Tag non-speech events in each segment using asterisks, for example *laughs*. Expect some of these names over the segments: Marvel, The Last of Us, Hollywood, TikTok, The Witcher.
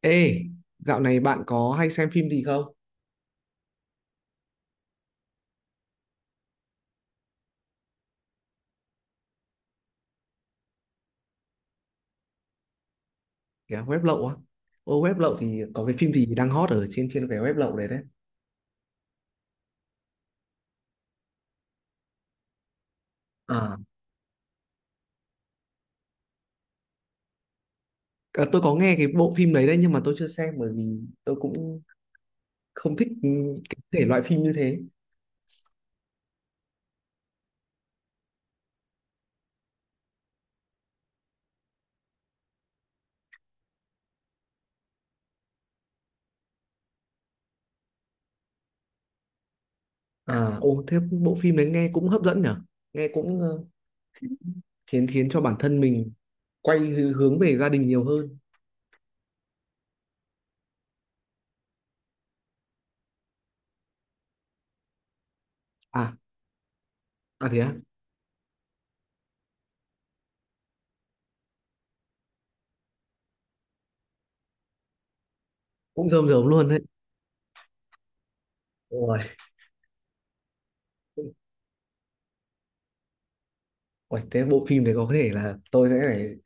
Ê, dạo này bạn có hay xem phim gì không? Kìa, web lậu á. Ô, web lậu thì có cái phim gì đang hot ở trên trên cái web lậu đấy đấy. À, à, tôi có nghe cái bộ phim đấy đấy nhưng mà tôi chưa xem bởi vì tôi cũng không thích cái thể loại phim như thế. À, ô, thế bộ phim đấy nghe cũng hấp dẫn nhở? Nghe cũng khiến khiến cho bản thân mình quay hướng về gia đình nhiều hơn. À, à thế á, cũng rơm rớm luôn đấy. Ôi, ôi, thế bộ phim đấy có thể là tôi sẽ phải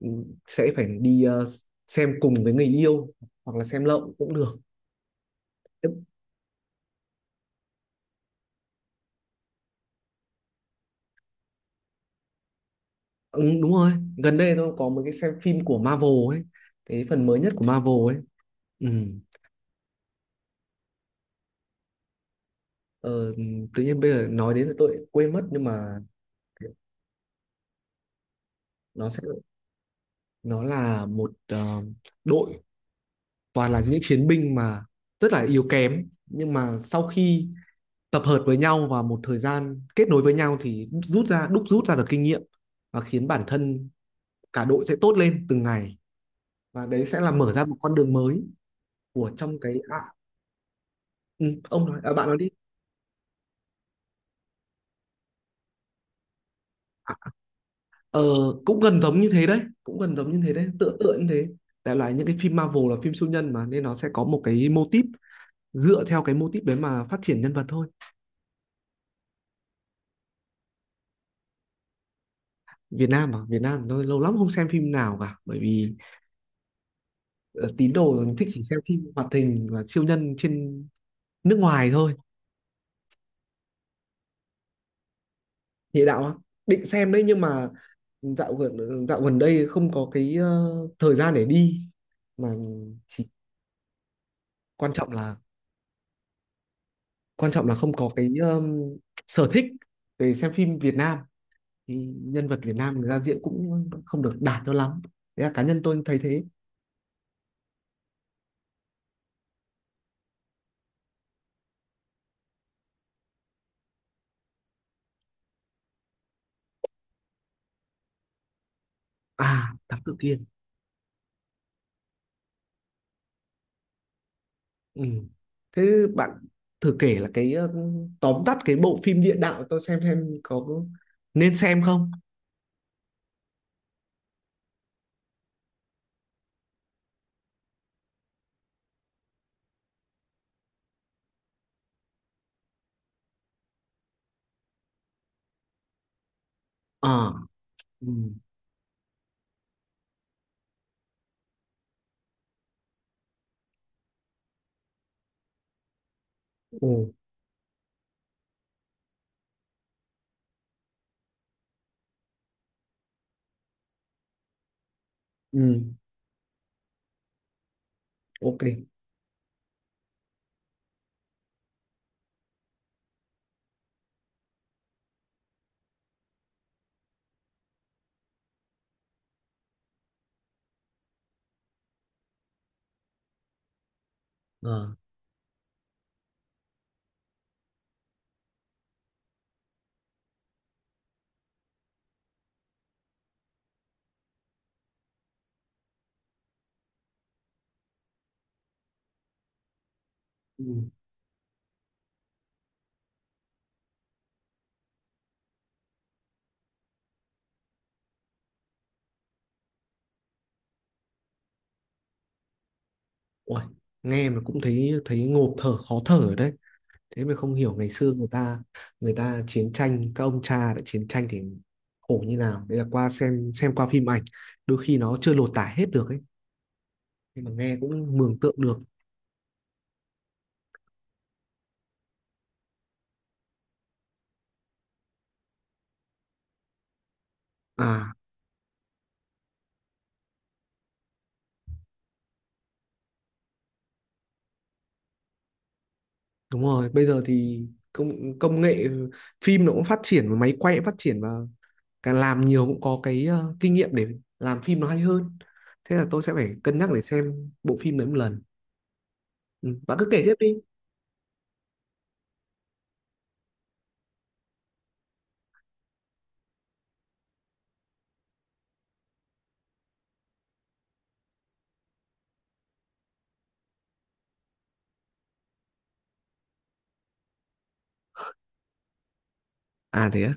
ừ, sẽ phải đi xem cùng với người yêu hoặc là xem lậu cũng được. Ừ, đúng rồi, gần đây tôi có một cái xem phim của Marvel ấy, cái phần mới nhất của Marvel ấy. Ừ. ờ, Tự nhiên bây giờ nói đến là tôi lại quên mất nhưng mà nó sẽ nó là một đội toàn là những chiến binh mà rất là yếu kém, nhưng mà sau khi tập hợp với nhau và một thời gian kết nối với nhau thì rút ra, đúc rút ra được kinh nghiệm và khiến bản thân cả đội sẽ tốt lên từng ngày, và đấy sẽ là mở ra một con đường mới của trong cái ừ, ông nói, à, bạn nói đi à, ờ, cũng gần giống như thế đấy, cũng gần giống như thế đấy, tựa tựa như thế. Đại loại những cái phim Marvel là phim siêu nhân mà nên nó sẽ có một cái mô típ, dựa theo cái mô típ đấy mà phát triển nhân vật thôi. Việt Nam à? Việt Nam tôi lâu lắm không xem phim nào cả bởi vì ờ, tín đồ mình thích chỉ xem phim hoạt hình và siêu nhân trên nước ngoài thôi. Địa đạo á? Định xem đấy nhưng mà dạo gần đây không có cái thời gian để đi, mà chỉ quan trọng là quan trọng là không có cái sở thích về xem phim Việt Nam, thì nhân vật Việt Nam người ra diễn cũng không được đạt cho lắm, thế là cá nhân tôi thấy thế. À, Thám Tử Kiên. Ừ. Thế bạn thử kể là cái tóm tắt cái bộ phim địa đạo tôi xem có nên xem không. Ờ. Ừ. Ồ. Ừ. Ok. Ờ. Ừ. Uầy, nghe mà cũng thấy thấy ngộp thở, khó thở đấy. Thế mới không hiểu ngày xưa người ta chiến tranh, các ông cha đã chiến tranh thì khổ như nào đấy, là qua xem qua phim ảnh đôi khi nó chưa lột tả hết được ấy, nhưng mà nghe cũng mường tượng được. À, đúng rồi, bây giờ thì công công nghệ phim nó cũng phát triển và máy quay cũng phát triển, và càng làm nhiều cũng có cái kinh nghiệm để làm phim nó hay hơn. Thế là tôi sẽ phải cân nhắc để xem bộ phim đấy một lần. Ừ, bạn cứ kể tiếp đi. À, thế á.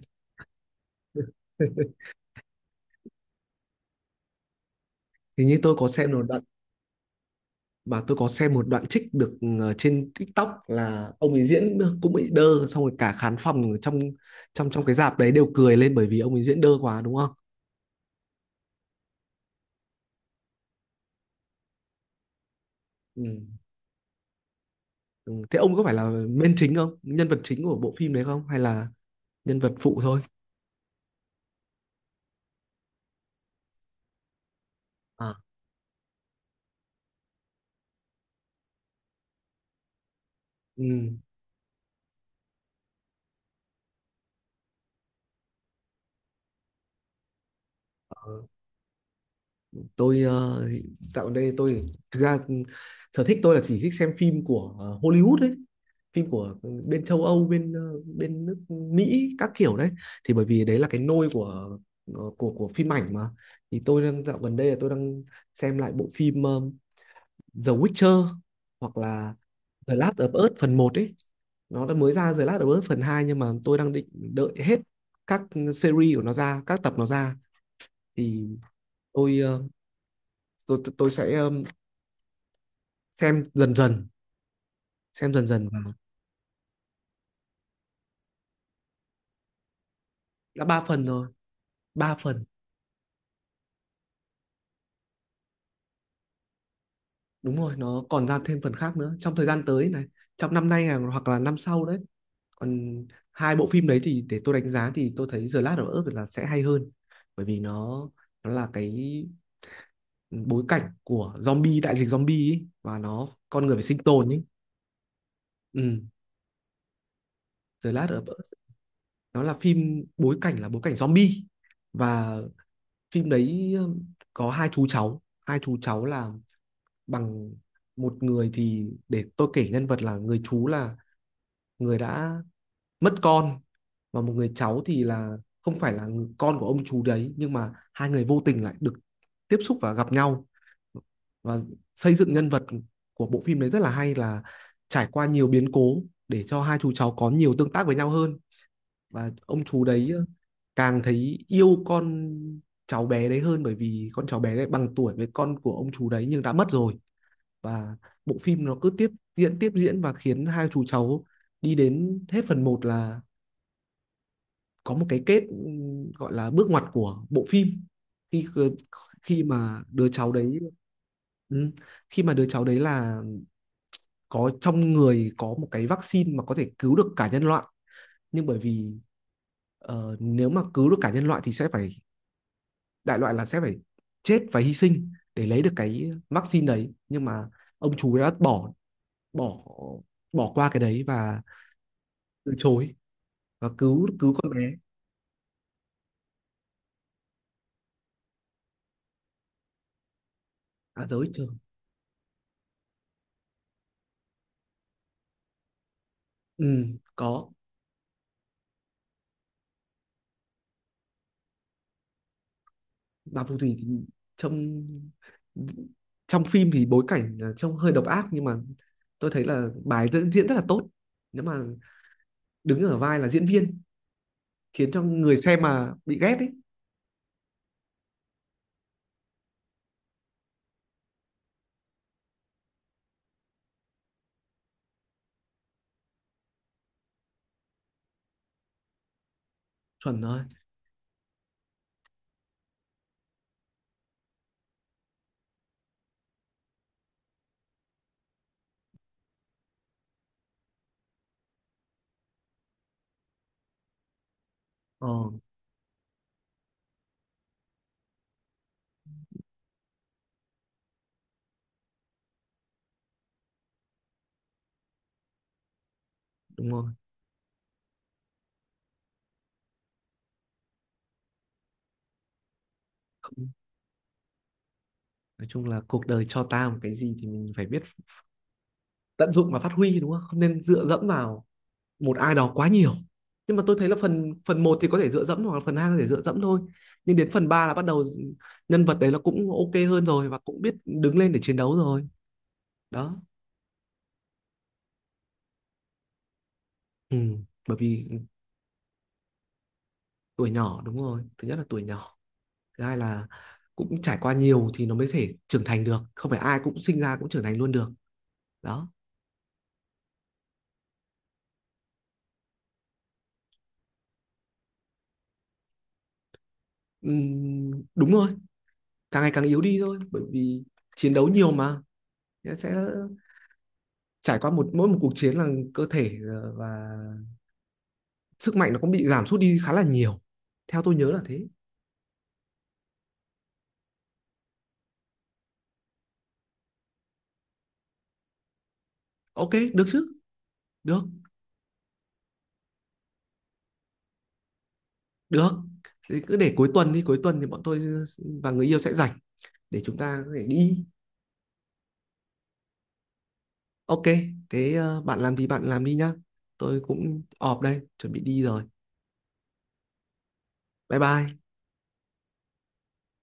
*laughs* Thì như tôi có xem rồi mà, tôi có xem một đoạn trích được trên TikTok là ông ấy diễn cũng bị đơ, xong rồi cả khán phòng trong trong trong cái rạp đấy đều cười lên bởi vì ông ấy diễn đơ quá, đúng không? Ừ. Ừ. Thế ông có phải là main chính không? Nhân vật chính của bộ phim đấy không? Hay là nhân vật phụ thôi? À. Ừ. tôi ờ, Dạo gần đây tôi, thực ra sở thích tôi là chỉ thích xem phim của Hollywood đấy, phim của bên châu Âu, bên nước Mỹ các kiểu đấy, thì bởi vì đấy là cái nôi của phim ảnh mà. Thì tôi đang dạo gần đây là tôi đang xem lại bộ phim The Witcher, hoặc là The Last of Us phần một ấy. Nó đã mới ra The Last of Us phần 2 nhưng mà tôi đang định đợi hết các series của nó ra, các tập nó ra, thì tôi ờ, tôi sẽ ờ, xem dần dần, xem dần dần, và đã ba phần rồi. Ba phần, đúng rồi, nó còn ra thêm phần khác nữa trong thời gian tới này, trong năm nay à, hoặc là năm sau đấy. Còn hai bộ phim đấy thì để tôi đánh giá thì tôi thấy The Last of Us là sẽ hay hơn, bởi vì nó là cái bối cảnh của zombie, đại dịch zombie ấy, và nó con người phải sinh tồn ấy. Ừ, The Last of Us nó là phim bối cảnh là bối cảnh zombie, và phim đấy có hai chú cháu. Hai chú cháu là bằng, một người thì để tôi kể nhân vật, là người chú là người đã mất con, và một người cháu thì là không phải là con của ông chú đấy, nhưng mà hai người vô tình lại được tiếp xúc và gặp nhau, và xây dựng nhân vật của bộ phim đấy rất là hay, là trải qua nhiều biến cố để cho hai chú cháu có nhiều tương tác với nhau hơn, và ông chú đấy càng thấy yêu con cháu bé đấy hơn, bởi vì con cháu bé đấy bằng tuổi với con của ông chú đấy nhưng đã mất rồi. Và bộ phim nó cứ tiếp diễn, tiếp diễn, và khiến hai chú cháu đi đến hết phần một là có một cái kết, ừ, gọi là bước ngoặt của bộ phim, khi ờ, khi mà đứa cháu đấy ừ, khi mà đứa cháu đấy là có trong người, có một cái vaccine mà có thể cứu được cả nhân loại. Nhưng bởi vì nếu mà cứu được cả nhân loại thì sẽ phải, đại loại là sẽ phải chết và hy sinh để lấy được cái vaccine đấy, nhưng mà ông chú đã bỏ bỏ bỏ qua cái đấy và từ chối, và cứu cứu con bé. À, giới trường, ừ, có bà phù thủy thì trong trong phim thì bối cảnh là trông hơi độc ác, nhưng mà tôi thấy là bài diễn diễn rất là tốt, nếu mà đứng ở vai là diễn viên, khiến cho người xem mà bị ghét ấy. Chuẩn rồi. ờ Đúng rồi. Không, nói chung là cuộc đời cho ta một cái gì thì mình phải biết tận dụng và phát huy, đúng không? Không nên dựa dẫm vào một ai đó quá nhiều, nhưng mà tôi thấy là phần phần một thì có thể dựa dẫm, hoặc là phần hai có thể dựa dẫm thôi, nhưng đến phần ba là bắt đầu nhân vật đấy nó cũng ok hơn rồi, và cũng biết đứng lên để chiến đấu rồi. Đó. Ừ. Bởi vì tuổi nhỏ, đúng rồi, thứ nhất là tuổi nhỏ, thứ hai là cũng trải qua nhiều thì nó mới thể trưởng thành được, không phải ai cũng sinh ra cũng trưởng thành luôn được. Đó. Đúng rồi, càng ngày càng yếu đi thôi, bởi vì chiến đấu nhiều mà, sẽ trải qua mỗi một cuộc chiến là cơ thể và sức mạnh nó cũng bị giảm sút đi khá là nhiều, theo tôi nhớ là thế. Ok, được chứ, được được. Thế cứ để cuối tuần đi, cuối tuần thì bọn tôi và người yêu sẽ rảnh để chúng ta có thể đi. Ok, thế bạn làm thì bạn làm đi nhá, tôi cũng ọp đây chuẩn bị đi rồi. Bye bye.